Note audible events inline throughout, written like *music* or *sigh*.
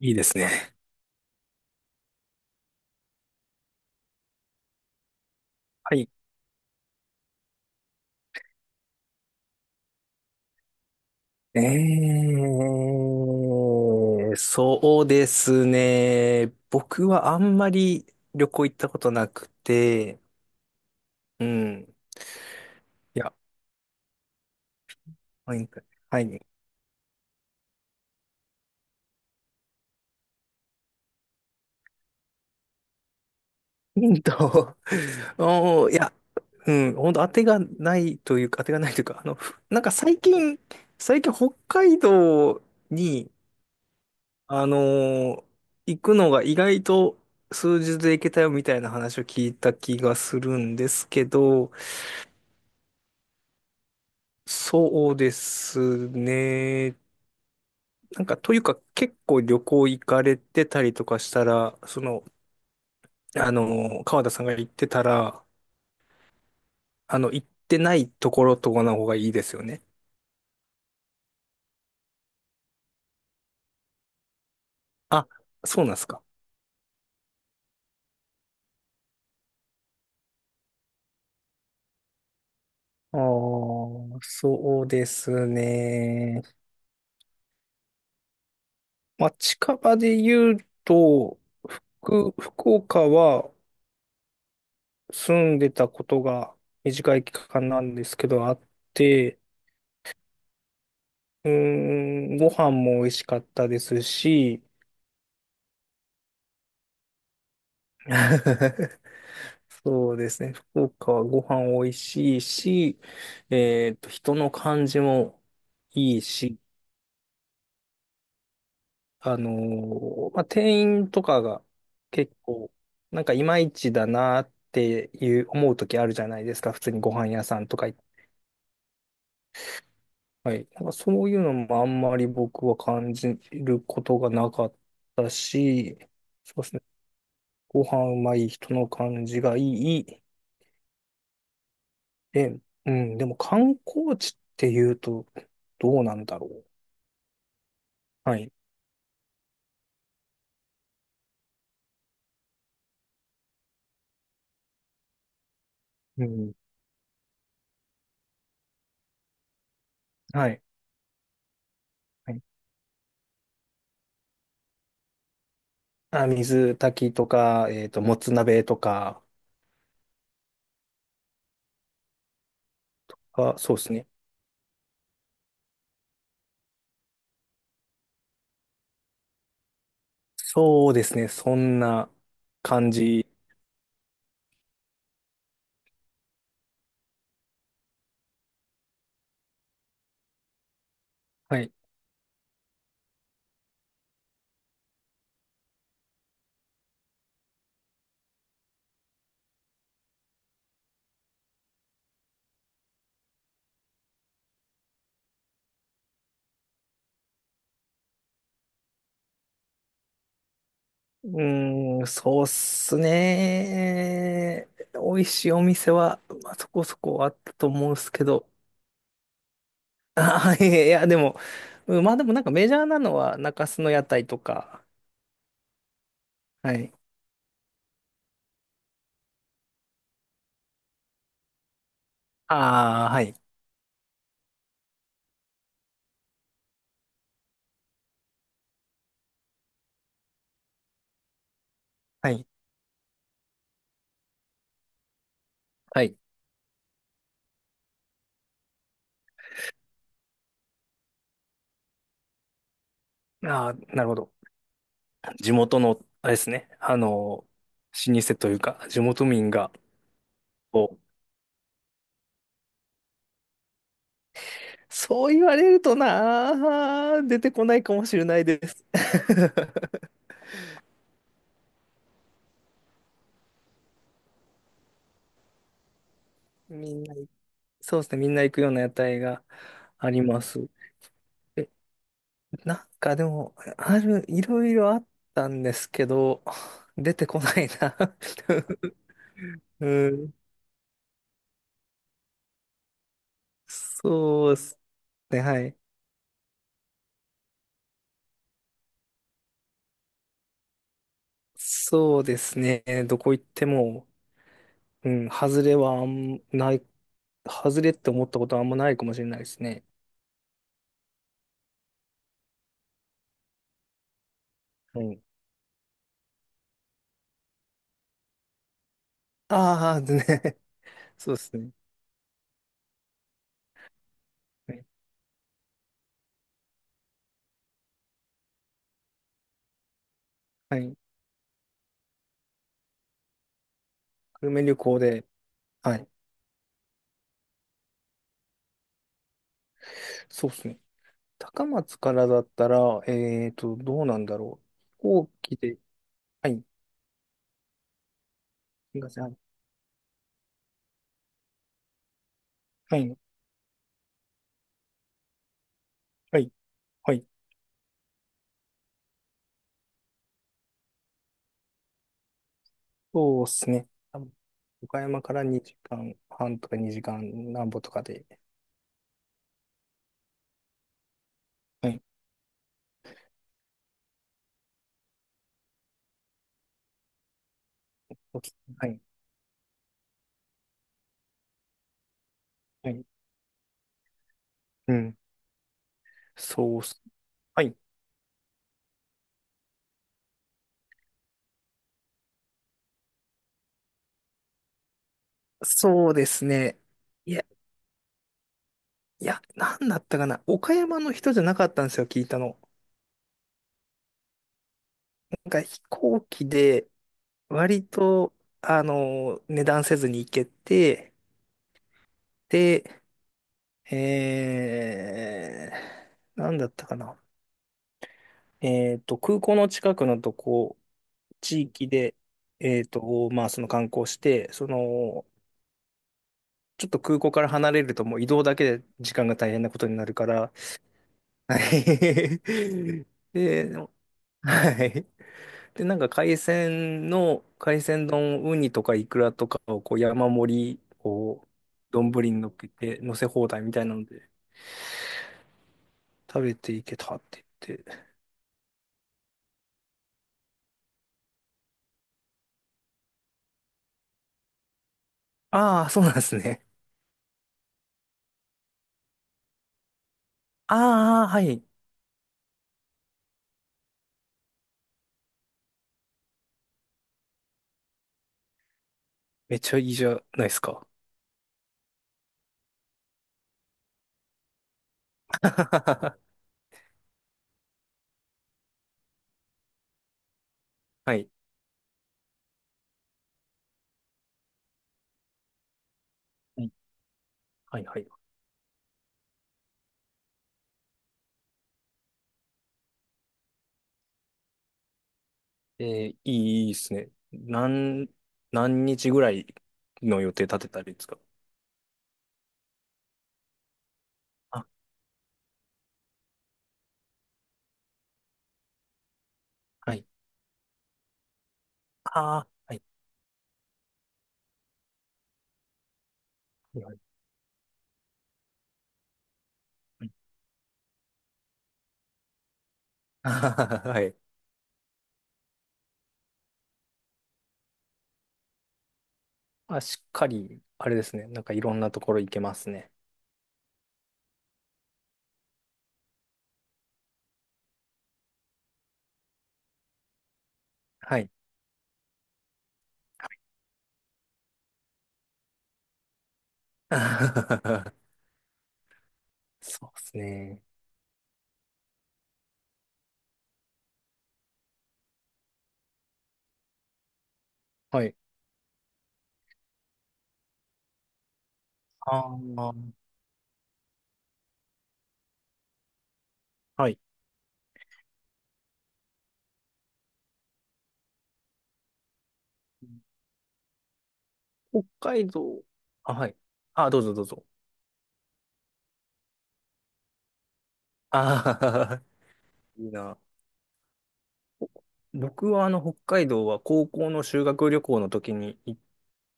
いいですね。はい。えそうですね。僕はあんまり旅行行ったことなくて、うん。いや、はい。はい。ヒント、*laughs* おー、いや、うん、本当当てがないというか、当てがないというか、なんか最近北海道に、あのー行くのが意外と数日で行けたよみたいな話を聞いた気がするんですけど、そうですね。なんか、というか、結構旅行行かれてたりとかしたら、川田さんが行ってたら、行ってないところとかの方がいいですよね。あ、そうなんですか。ああ、そうですね。まあ、近場で言うと、僕福岡は住んでたことが短い期間なんですけどあって、うーん、ご飯も美味しかったですし、*laughs* そうですね。福岡はご飯美味しいし、人の感じもいいし、あのまあ、店員とかが結構、なんかいまいちだなっていう思う時あるじゃないですか。普通にご飯屋さんとか行って。はい。なんかそういうのもあんまり僕は感じることがなかったし、そうですね。ご飯うまい、人の感じがいい。で、うん、でも観光地っていうと、どうなんだろう。はい。うん。はい。はい。あ、水炊きとか、もつ鍋とかが、そうですね。そうですね。そんな感じ。はい。うーん、そうっすね。美味しいお店は、まあ、そこそこあったと思うんですけど。あ、いや、いやでも、うん、まあでもなんかメジャーなのは中洲の屋台とか。はい。ああ、はい。はい。はい。ああ、なるほど。地元の、あれですね。あの、老舗というか、地元民が、こう、そう言われるとなあ、出てこないかもしれないです。*laughs* みんな、そうですね。みんな行くような屋台があります。え、なんかでも、いろいろあったんですけど、出てこないな *laughs* うん。そうですね。はい。そうですね。どこ行っても、うん、外れはあんない、外れって思ったことはあんまないかもしれないですね。はい。ああ、でね、*laughs* そうですね。はい。はい。久留米旅行で、はい。そうですね。高松からだったら、どうなんだろう。飛行機で、はい。すん。はい。はい。はい。はい。そうですね。多分岡山から2時間半とか2時間なんぼとかで、はい。はい。はい。はい。うん。そうっす。はい。そうですね。いいや、なんだったかな。岡山の人じゃなかったんですよ、聞いたの。なんか飛行機で、割と、値段せずに行けて、で、えなんだったかな。空港の近くのとこ、地域で、まあ、その観光して、ちょっと空港から離れるともう移動だけで時間が大変なことになるから、はい。*laughs* で、はい。で、なんか海鮮丼、ウニとかイクラとかをこう山盛り、こう、丼に乗っけて、乗せ放題みたいなので、食べていけたって言って。ああ、そうなんですね。ああ、はい。めっちゃいいじゃないですか。*laughs* はい。はい、はい。はい。いいですね。何日ぐらいの予定立てたりですか？あ、はい。ああ、はい。はい。はい。*laughs* はい。あ、しっかり、あれですね。なんかいろんなところ行けますね。はい。*laughs* そうですね。はい。ああ、はい。北海道。あ、はい。あ、どうぞどうぞ。ああ、*laughs* いいな。お僕はあの北海道は高校の修学旅行の時に行っ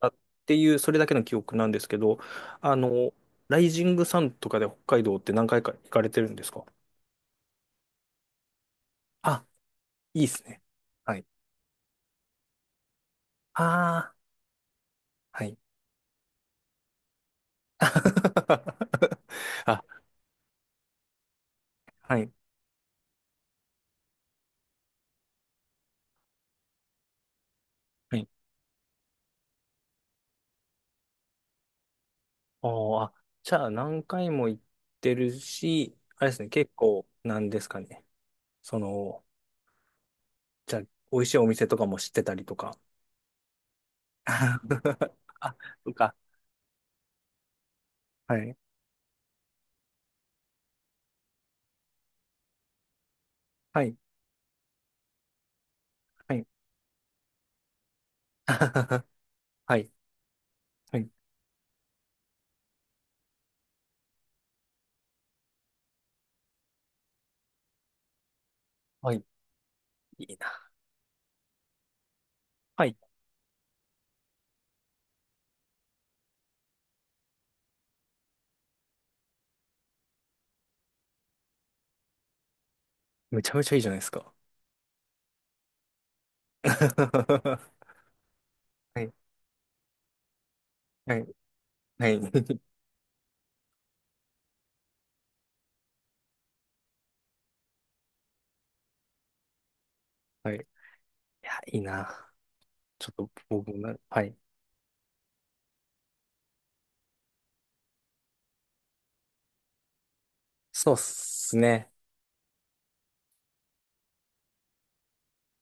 たっていう、それだけの記憶なんですけど、あの、ライジングサンとかで北海道って何回か行かれてるんですか？あ、いいですね。はい。ああ、はい。*laughs* あ、はい。はい。おー、あ、じゃあ何回も行ってるし、あれですね、結構、なんですかね。その、じゃあ、美味しいお店とかも知ってたりとか。*laughs* あ、そっか。はい。はい。はい。*laughs* はい。はい。はい。いいな。はい。めちゃめちゃいいじゃないですか。*laughs* はい。はい。はい。*laughs* はい。いや、いいな。ちょっと僕もな、はい。そうっすね。